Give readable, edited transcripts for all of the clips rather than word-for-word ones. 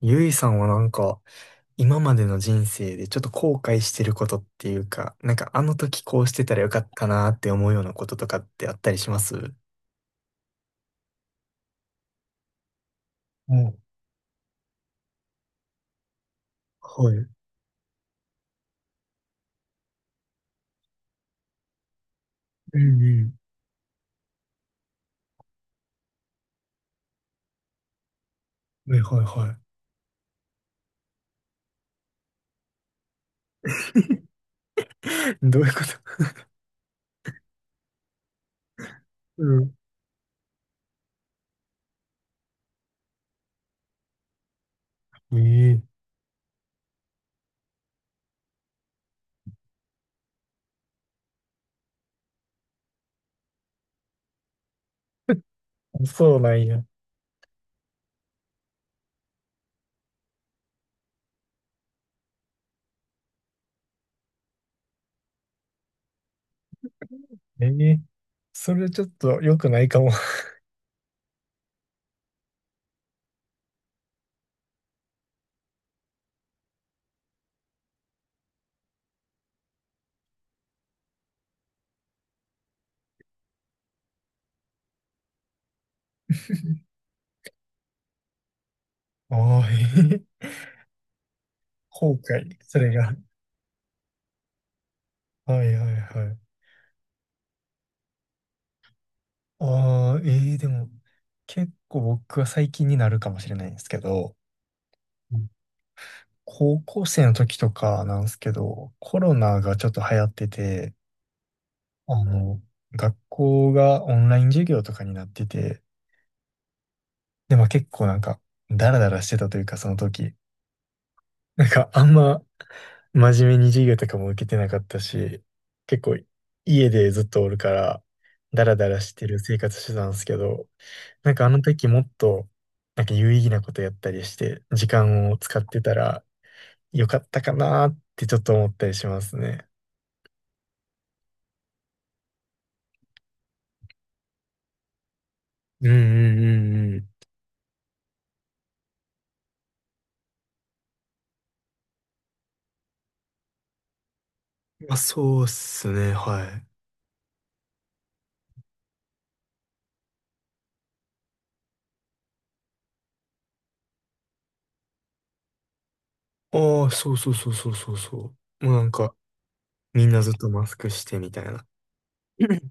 ゆいさんは今までの人生でちょっと後悔してることっていうか、なんかあの時こうしてたらよかったなーって思うようなこととかってあったりしますお、はい。うんうん。はいはいはい。どういうこと？うん。ええ、そうなんや。ええ、それちょっと良くないかも。ああ、ええ。後悔、それが。はいはいはい。ああ、ええ、でも、結構僕は最近になるかもしれないんですけど、高校生の時とかなんですけど、コロナがちょっと流行ってて、あの、学校がオンライン授業とかになってて、で、まあ結構なんか、ダラダラしてたというか、その時。あんま真面目に授業とかも受けてなかったし、結構家でずっとおるから、ダラダラしてる生活してたんですけど、なんかあの時もっと、なんか有意義なことやったりして、時間を使ってたらよかったかなーってちょっと思ったりしますね。うんうんうんうん。まあ、そうっすね、はい。ああ、そうそうそうそうそうそう。もうなんか、みんなずっとマスクしてみたいな。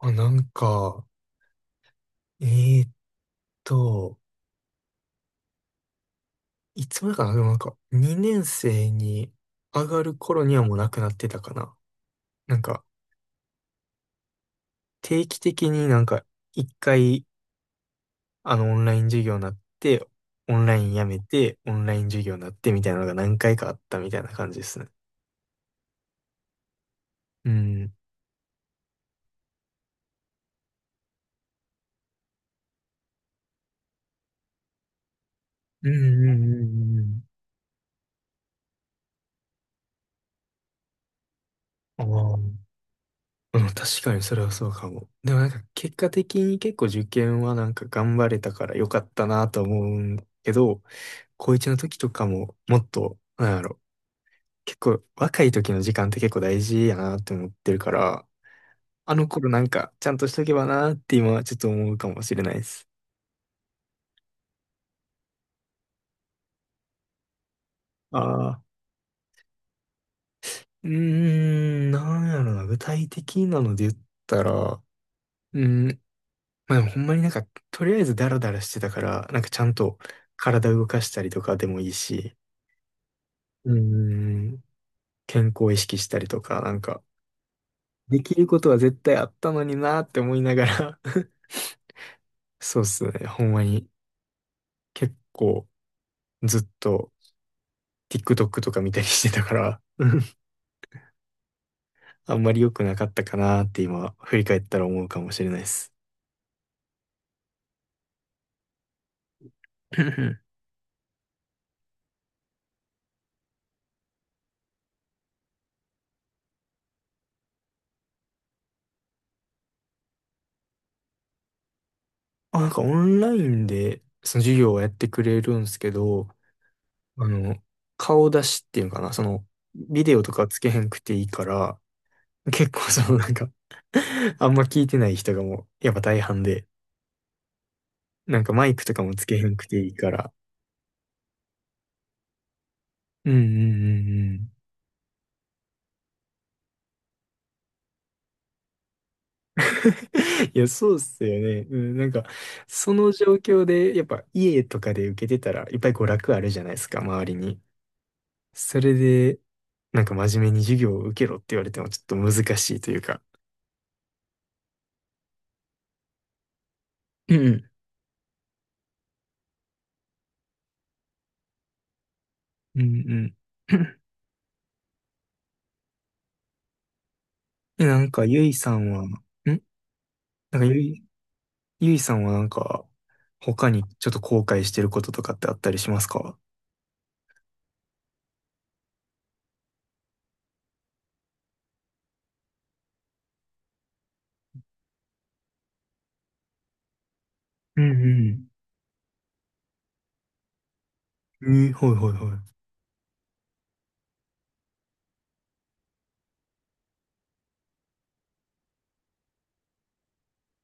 あ、えーっと、いつまでかな、でもなんか、2年生に上がる頃にはもうなくなってたかな。なんか、定期的に一回、オンライン授業になって、オンラインやめて、オンライン授業になってみたいなのが何回かあったみたいな感じですね。うん。うんうんうんうんうん。ああ、うん、確かにそれはそうかも。でもなんか結果的に結構受験はなんか頑張れたから良かったなと思うんけど、高1の時とかももっと、なんやろ、結構若い時の時間って結構大事やなって思ってるから、あの頃なんかちゃんとしとけばなって今はちょっと思うかもしれないです。ああ、うーん、なんやろな、具体的なので言ったら、うん、まあでもほんまになんか、とりあえずダラダラしてたから、なんかちゃんと体動かしたりとかでもいいし、うーん、健康意識したりとか、なんか、できることは絶対あったのになって思いながら、 そうっすね、ほんまに結構ずっと TikTok とか見たりしてたから、うん、あんまり良くなかったかなって今、振り返ったら思うかもしれないです。うんうん。あ、なんかオンラインでその授業をやってくれるんですけど、あの、顔出しっていうのかな、その、ビデオとかつけへんくていいから、結構そのなんか、 あんま聞いてない人がもう、やっぱ大半で、なんかマイクとかもつけへんくていいから。うんうんうんうん。いや、そうっすよね。うん、なんか、その状況で、やっぱ家とかで受けてたら、いっぱい娯楽あるじゃないですか、周りに。それで、なんか真面目に授業を受けろって言われてもちょっと難しいというか。うんうん。うんうん。え、なんか、ゆいさんは、んなんかゆいさんは他にちょっと後悔してることとかってあったりしますか？うんうん。えー、はいはいは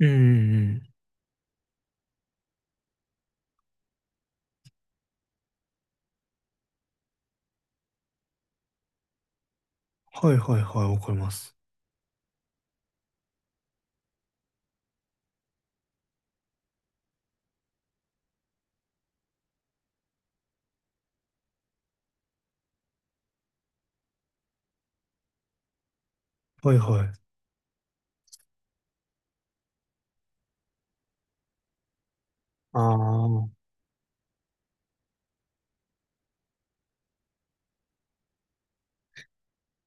い。うんうんうん。はいはいはい、わかります。はいはい。ああ。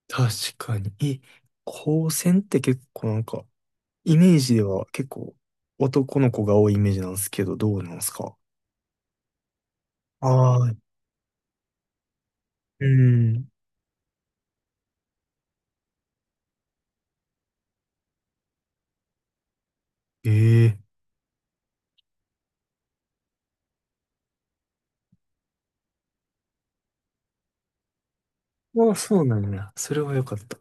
確かに。え、高専って結構なんか、イメージでは結構男の子が多いイメージなんですけど、どうなんですか？ああー、うん。ええー。ああ、そうなんや。それはよかった。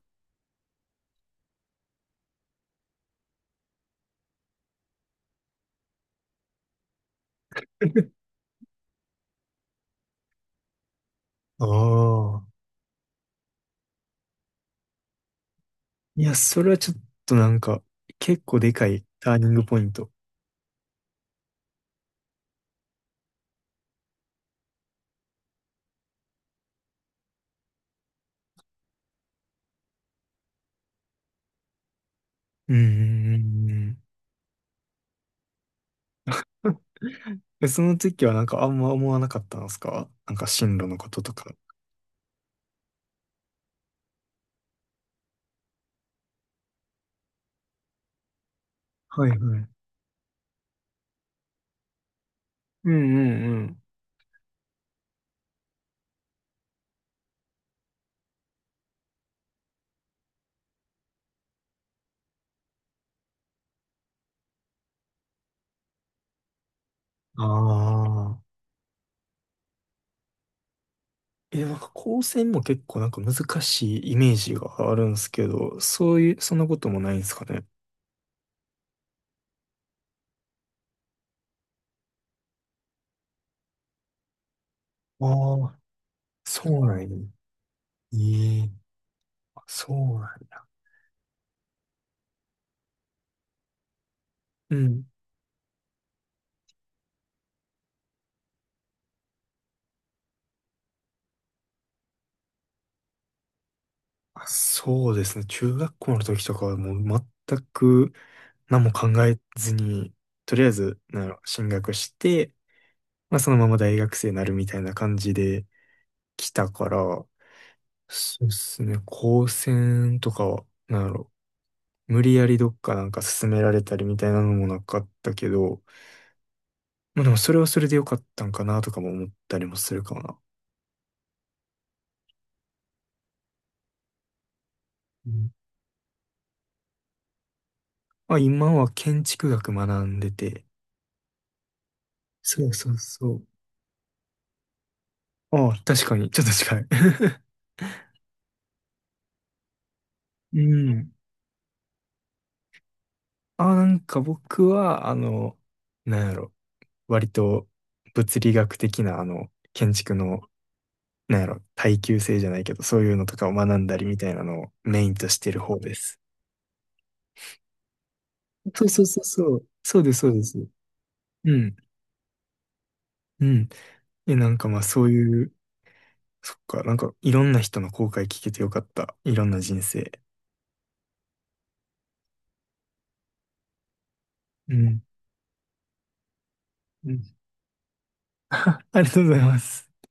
ああ。いや、それはちょっとなんか、結構でかいターニングポイント。うんうんうんうん。え、その時はなんかあんま思わなかったんですか、なんか進路のこととか。はいはい。うんうんうん。ああ。え、なんか高専も結構なんか難しいイメージがあるんですけど、そういう、そんなこともないんですかね。ああ、そうなんやね。ええ、そうなんや。うん。あ、そうですね。中学校の時とかはもう全く何も考えずに、とりあえず、なんやろ進学して、まあそのまま大学生になるみたいな感じで来たから、そうですね。高専とかは、なんやろ無理やりどっかなんか勧められたりみたいなのもなかったけど、まあでもそれはそれでよかったんかなとかも思ったりもするかもな。うん。まあ今は建築学学んでて、そうそうそう。ああ、確かに、ちょっと近い。うん。あ、なんか僕は、なんやろ、割と物理学的な、あの、建築の、なんやろ、耐久性じゃないけど、そういうのとかを学んだりみたいなのをメインとしてる方です。そうそうそうそう。そうです、そうです。うん。うん。え、なんかまあそういう、そっか、なんかいろんな人の後悔聞けてよかった。いろんな人生。うん。うん。ありがとうございます。